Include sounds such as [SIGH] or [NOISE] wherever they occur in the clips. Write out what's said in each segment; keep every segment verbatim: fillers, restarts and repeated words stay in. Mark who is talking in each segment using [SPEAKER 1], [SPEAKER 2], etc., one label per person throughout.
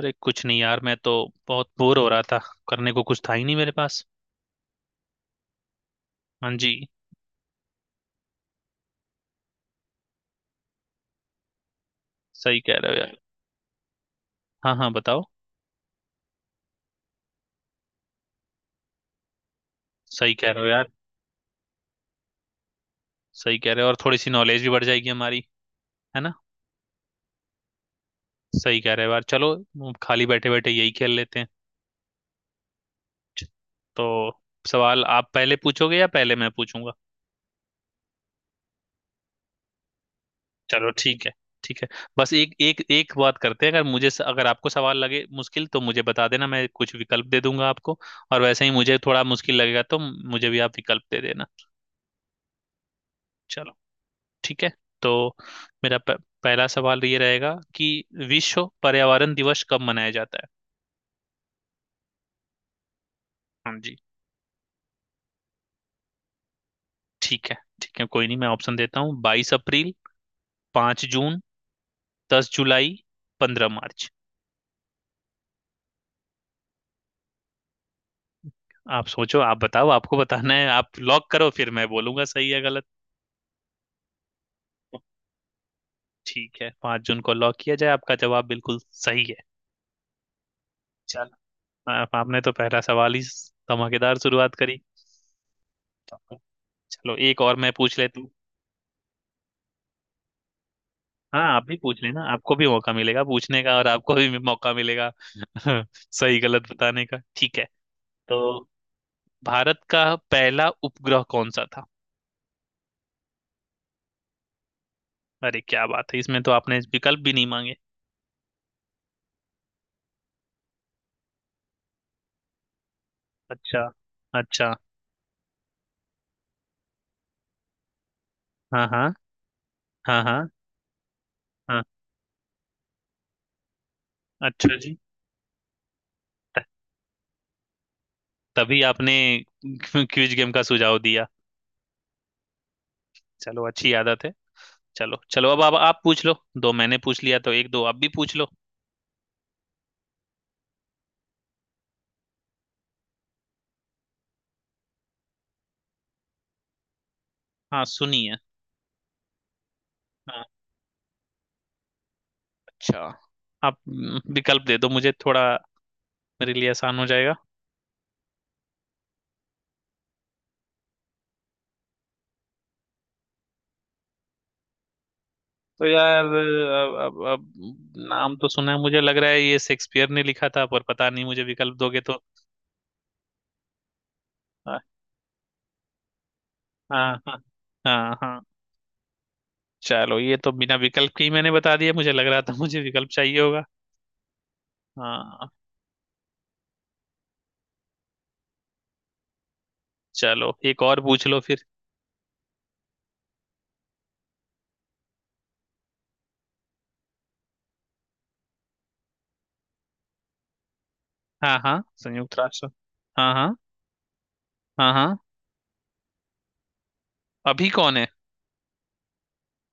[SPEAKER 1] अरे कुछ नहीं यार मैं तो बहुत बोर हो रहा था। करने को कुछ था ही नहीं मेरे पास। हाँ जी। सही कह रहे हो यार। हाँ हाँ बताओ। सही कह रहे हो यार। सही कह रहे हो और थोड़ी सी नॉलेज भी बढ़ जाएगी हमारी, है ना। सही कह रहे हो यार, चलो हम खाली बैठे बैठे यही खेल लेते हैं। तो सवाल आप पहले पूछोगे या पहले मैं पूछूंगा। चलो ठीक है, ठीक है। बस एक एक एक बात करते हैं, अगर मुझे अगर आपको सवाल लगे मुश्किल तो मुझे बता देना, मैं कुछ विकल्प दे दूंगा आपको। और वैसे ही मुझे थोड़ा मुश्किल लगेगा तो मुझे भी आप विकल्प दे देना। चलो ठीक है। तो मेरा प- पहला सवाल ये रहेगा कि विश्व पर्यावरण दिवस कब मनाया जाता है। हाँ जी। ठीक है, ठीक है, कोई नहीं, मैं ऑप्शन देता हूँ। बाईस अप्रैल, पाँच जून, दस जुलाई, पंद्रह मार्च। आप सोचो, आप बताओ, आपको बताना है, आप लॉक करो, फिर मैं बोलूंगा सही है गलत। ठीक है, पाँच जून को लॉक किया जाए। आपका जवाब बिल्कुल सही है। चलो, आप- आपने तो पहला सवाल ही धमाकेदार शुरुआत करी। चलो एक और मैं पूछ लेता। हाँ आप भी पूछ लेना, आपको भी मौका मिलेगा पूछने का, और आपको भी मौका मिलेगा। [LAUGHS] सही गलत बताने का, ठीक है। तो भारत का पहला उपग्रह कौन सा था। अरे क्या बात है, इसमें तो आपने विकल्प भी नहीं मांगे। अच्छा, अच्छा। हाँ हाँ। हाँ हाँ। हाँ। अच्छा जी। त- तभी आपने क्विज गेम का सुझाव दिया। चलो अच्छी आदत है। चलो चलो, अब अब आप पूछ लो। दो मैंने पूछ लिया तो एक दो आप भी पूछ लो। हाँ सुनिए। हाँ। अच्छा। आप हम्म, विकल्प दे दो मुझे थोड़ा, मेरे लिए आसान हो जाएगा। तो यार अब, अब, अब नाम तो सुना है, मुझे लग रहा है ये शेक्सपियर ने लिखा था, पर पता नहीं, मुझे विकल्प दोगे तो। हाँ हाँ हाँ। हाँ हाँ। चलो ये तो बिना विकल्प के ही मैंने बता दिया, मुझे लग रहा था मुझे विकल्प चाहिए होगा। हाँ। चलो एक और पूछ लो फिर। हाँ हाँ, संयुक्त राष्ट्र। हाँ हाँ। हाँ हाँ। अभी कौन है।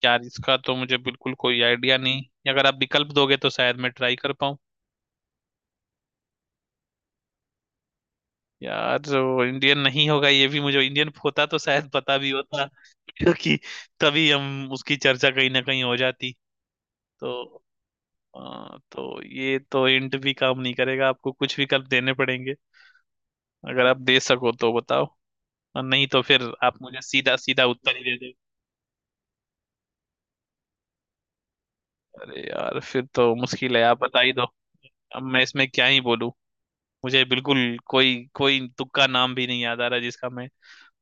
[SPEAKER 1] यार इसका तो मुझे बिल्कुल कोई आइडिया नहीं। अगर आप विकल्प दोगे तो शायद मैं ट्राई कर पाऊँ। यार जो इंडियन नहीं होगा, ये भी मुझे इंडियन होता तो शायद पता भी होता। [LAUGHS] क्योंकि तभी हम उसकी चर्चा कहीं ना कहीं हो जाती। तो अ, तो ये तो इंट भी काम नहीं करेगा, आपको कुछ विकल्प देने पड़ेंगे। अगर आप दे सको तो बताओ, और नहीं तो फिर आप मुझे सीधा सीधा उत्तर ही दे दे। अरे यार फिर तो मुश्किल है, आप बता ही दो। अब मैं इसमें क्या ही बोलूं, मुझे बिल्कुल कोई कोई तुक्का नाम भी नहीं याद आ रहा जिसका मैं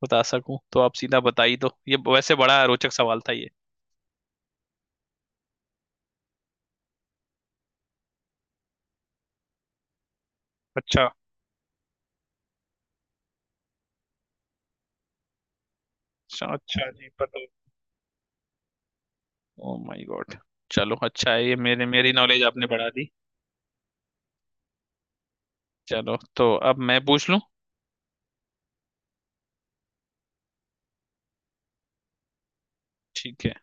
[SPEAKER 1] बता सकूं, तो आप सीधा बता ही दो। ये वैसे बड़ा रोचक सवाल था ये। अच्छा, अच्छा अच्छा जी, पता। Oh my god. चलो अच्छा है, ये मेरे मेरी नॉलेज आपने बढ़ा दी। चलो तो अब मैं पूछ लूं। ठीक है।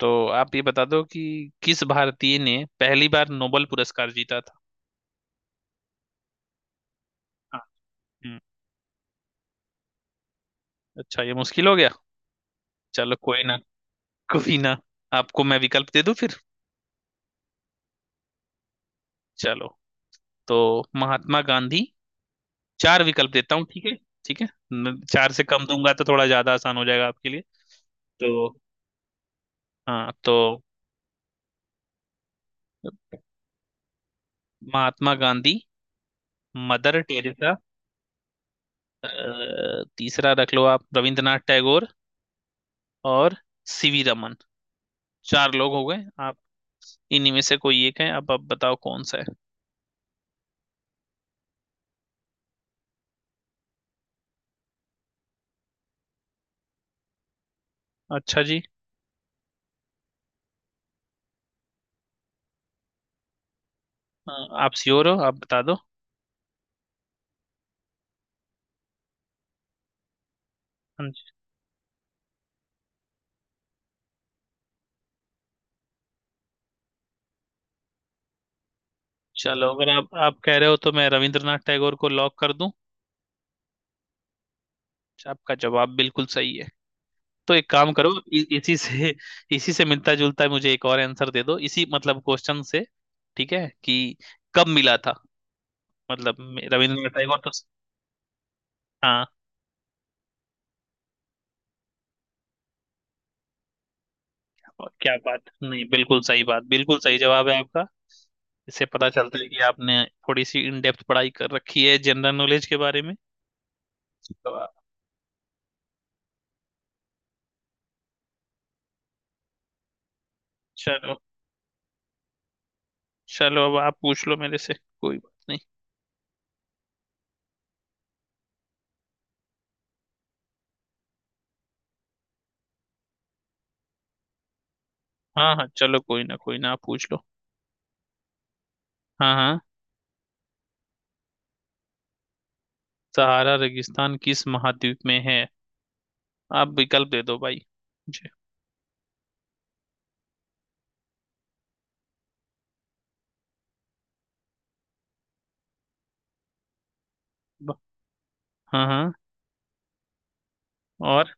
[SPEAKER 1] तो आप ये बता दो कि किस भारतीय ने पहली बार नोबेल पुरस्कार जीता था। हाँ। हम्म, अच्छा, ये मुश्किल हो गया। चलो कोई ना कोई ना, आपको मैं विकल्प दे दूं फिर। चलो। तो महात्मा गांधी, चार विकल्प देता हूँ, ठीक है। ठीक है, न- चार से कम दूंगा तो थोड़ा ज्यादा आसान हो जाएगा आपके लिए। तो हाँ तो महात्मा गांधी, मदर टेरेसा, अ, तीसरा रख लो आप रविंद्रनाथ टैगोर, और सीवी रमन। चार लोग हो गए आप, इन्हीं में से कोई एक है, अब आप बताओ कौन सा है। अच्छा जी। अ, आप श्योर हो, आप बता दो। हाँ जी। चलो अगर आप आप कह रहे हो तो मैं रविंद्रनाथ टैगोर को लॉक कर दूं। आपका जवाब बिल्कुल सही है। तो एक काम करो, इ, इसी से, इसी से मिलता जुलता मुझे एक और आंसर दे दो इसी मतलब क्वेश्चन से। ठीक है, कि कब मिला था। मतलब मे- रविंद्रनाथ टैगोर तो। हाँ। और क्या बात, नहीं बिल्कुल सही बात, बिल्कुल सही जवाब है आपका। इससे पता चलता है कि आपने थोड़ी सी इन डेप्थ पढ़ाई कर रखी है जनरल नॉलेज के बारे में। तो आप- चलो चलो अब आप पूछ लो मेरे से, कोई बात नहीं। हाँ हाँ चलो, कोई ना कोई ना, आप पूछ लो। हाँ हाँ। सहारा रेगिस्तान किस महाद्वीप में है। आप विकल्प दे दो भाई मुझे। ब- हाँ हाँ। और।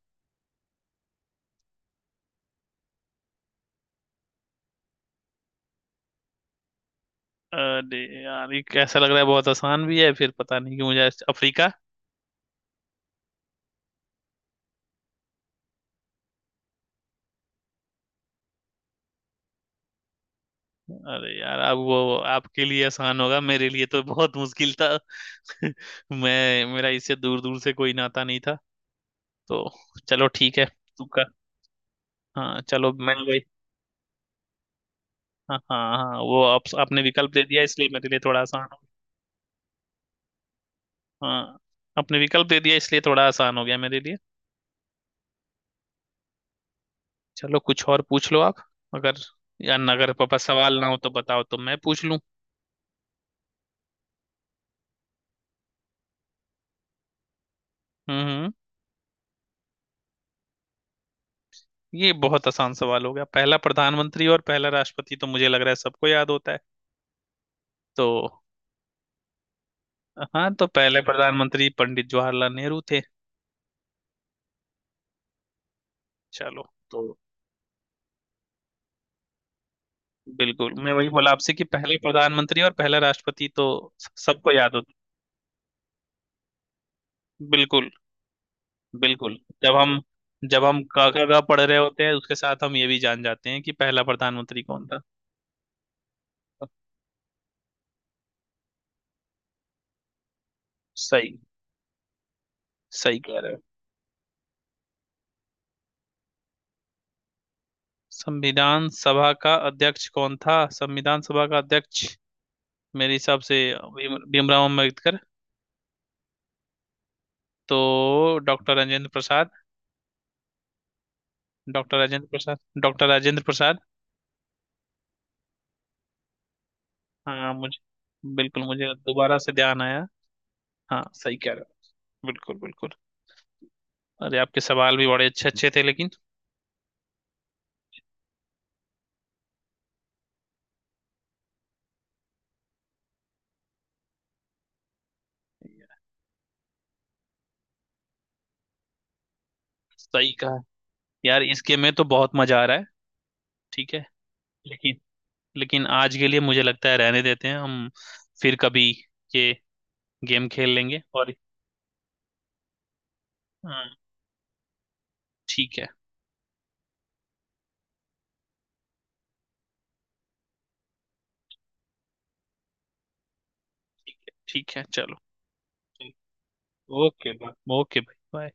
[SPEAKER 1] अरे यार ये कैसा लग रहा है, बहुत आसान भी है, फिर पता नहीं, कि मुझे अफ्रीका। अरे यार अब वो आपके लिए आसान होगा, मेरे लिए तो बहुत मुश्किल था। [LAUGHS] मैं, मेरा इससे दूर दूर से कोई नाता नहीं था। तो चलो ठीक है। तू कर। हाँ चलो मैं वही। हाँ हाँ हाँ, वो आप, आपने विकल्प दे दिया इसलिए मेरे लिए थोड़ा आसान हो गया। हाँ आपने विकल्प दे दिया इसलिए थोड़ा आसान हो गया मेरे लिए। चलो कुछ और पूछ लो आप, अगर, या न- अगर पापा सवाल ना हो तो बताओ, तो मैं पूछ लूं। हम्म हम्म, ये बहुत आसान सवाल हो गया, पहला प्रधानमंत्री और पहला राष्ट्रपति तो मुझे लग रहा है सबको याद होता है। तो हाँ, तो पहले प्रधानमंत्री पंडित जवाहरलाल नेहरू थे। चलो। तो बिल्कुल मैं वही बोला आपसे कि पहला प्रधानमंत्री और पहला राष्ट्रपति तो सबको याद होता। बिल्कुल बिल्कुल। जब हम जब हम का का का पढ़ रहे होते हैं, उसके साथ हम ये भी जान जाते हैं कि पहला प्रधानमंत्री कौन था। सही। सही कह रहे हो। संविधान सभा का अध्यक्ष कौन था, संविधान सभा का अध्यक्ष, मेरे हिसाब से भीम भीमराव अम्बेडकर, तो doctor Rajendra Prasad, doctor Rajendra Prasad doctor Rajendra Prasad हाँ मुझे, बिल्कुल मुझे दोबारा से ध्यान आया। हाँ सही कह रहे हो, बिल्कुल बिल्कुल। अरे आपके सवाल भी बड़े अच्छे अच्छे थे, लेकिन सही कहा। यार इस गेम में तो बहुत मजा आ रहा है, ठीक है, लेकिन लेकिन आज के लिए मुझे लगता है रहने देते हैं हम, फिर कभी ये गेम खेल लेंगे। और हाँ ठीक है, ठीक है, ठीक है चलो। ठीक। ओके बाय, ओके भाई, बाय।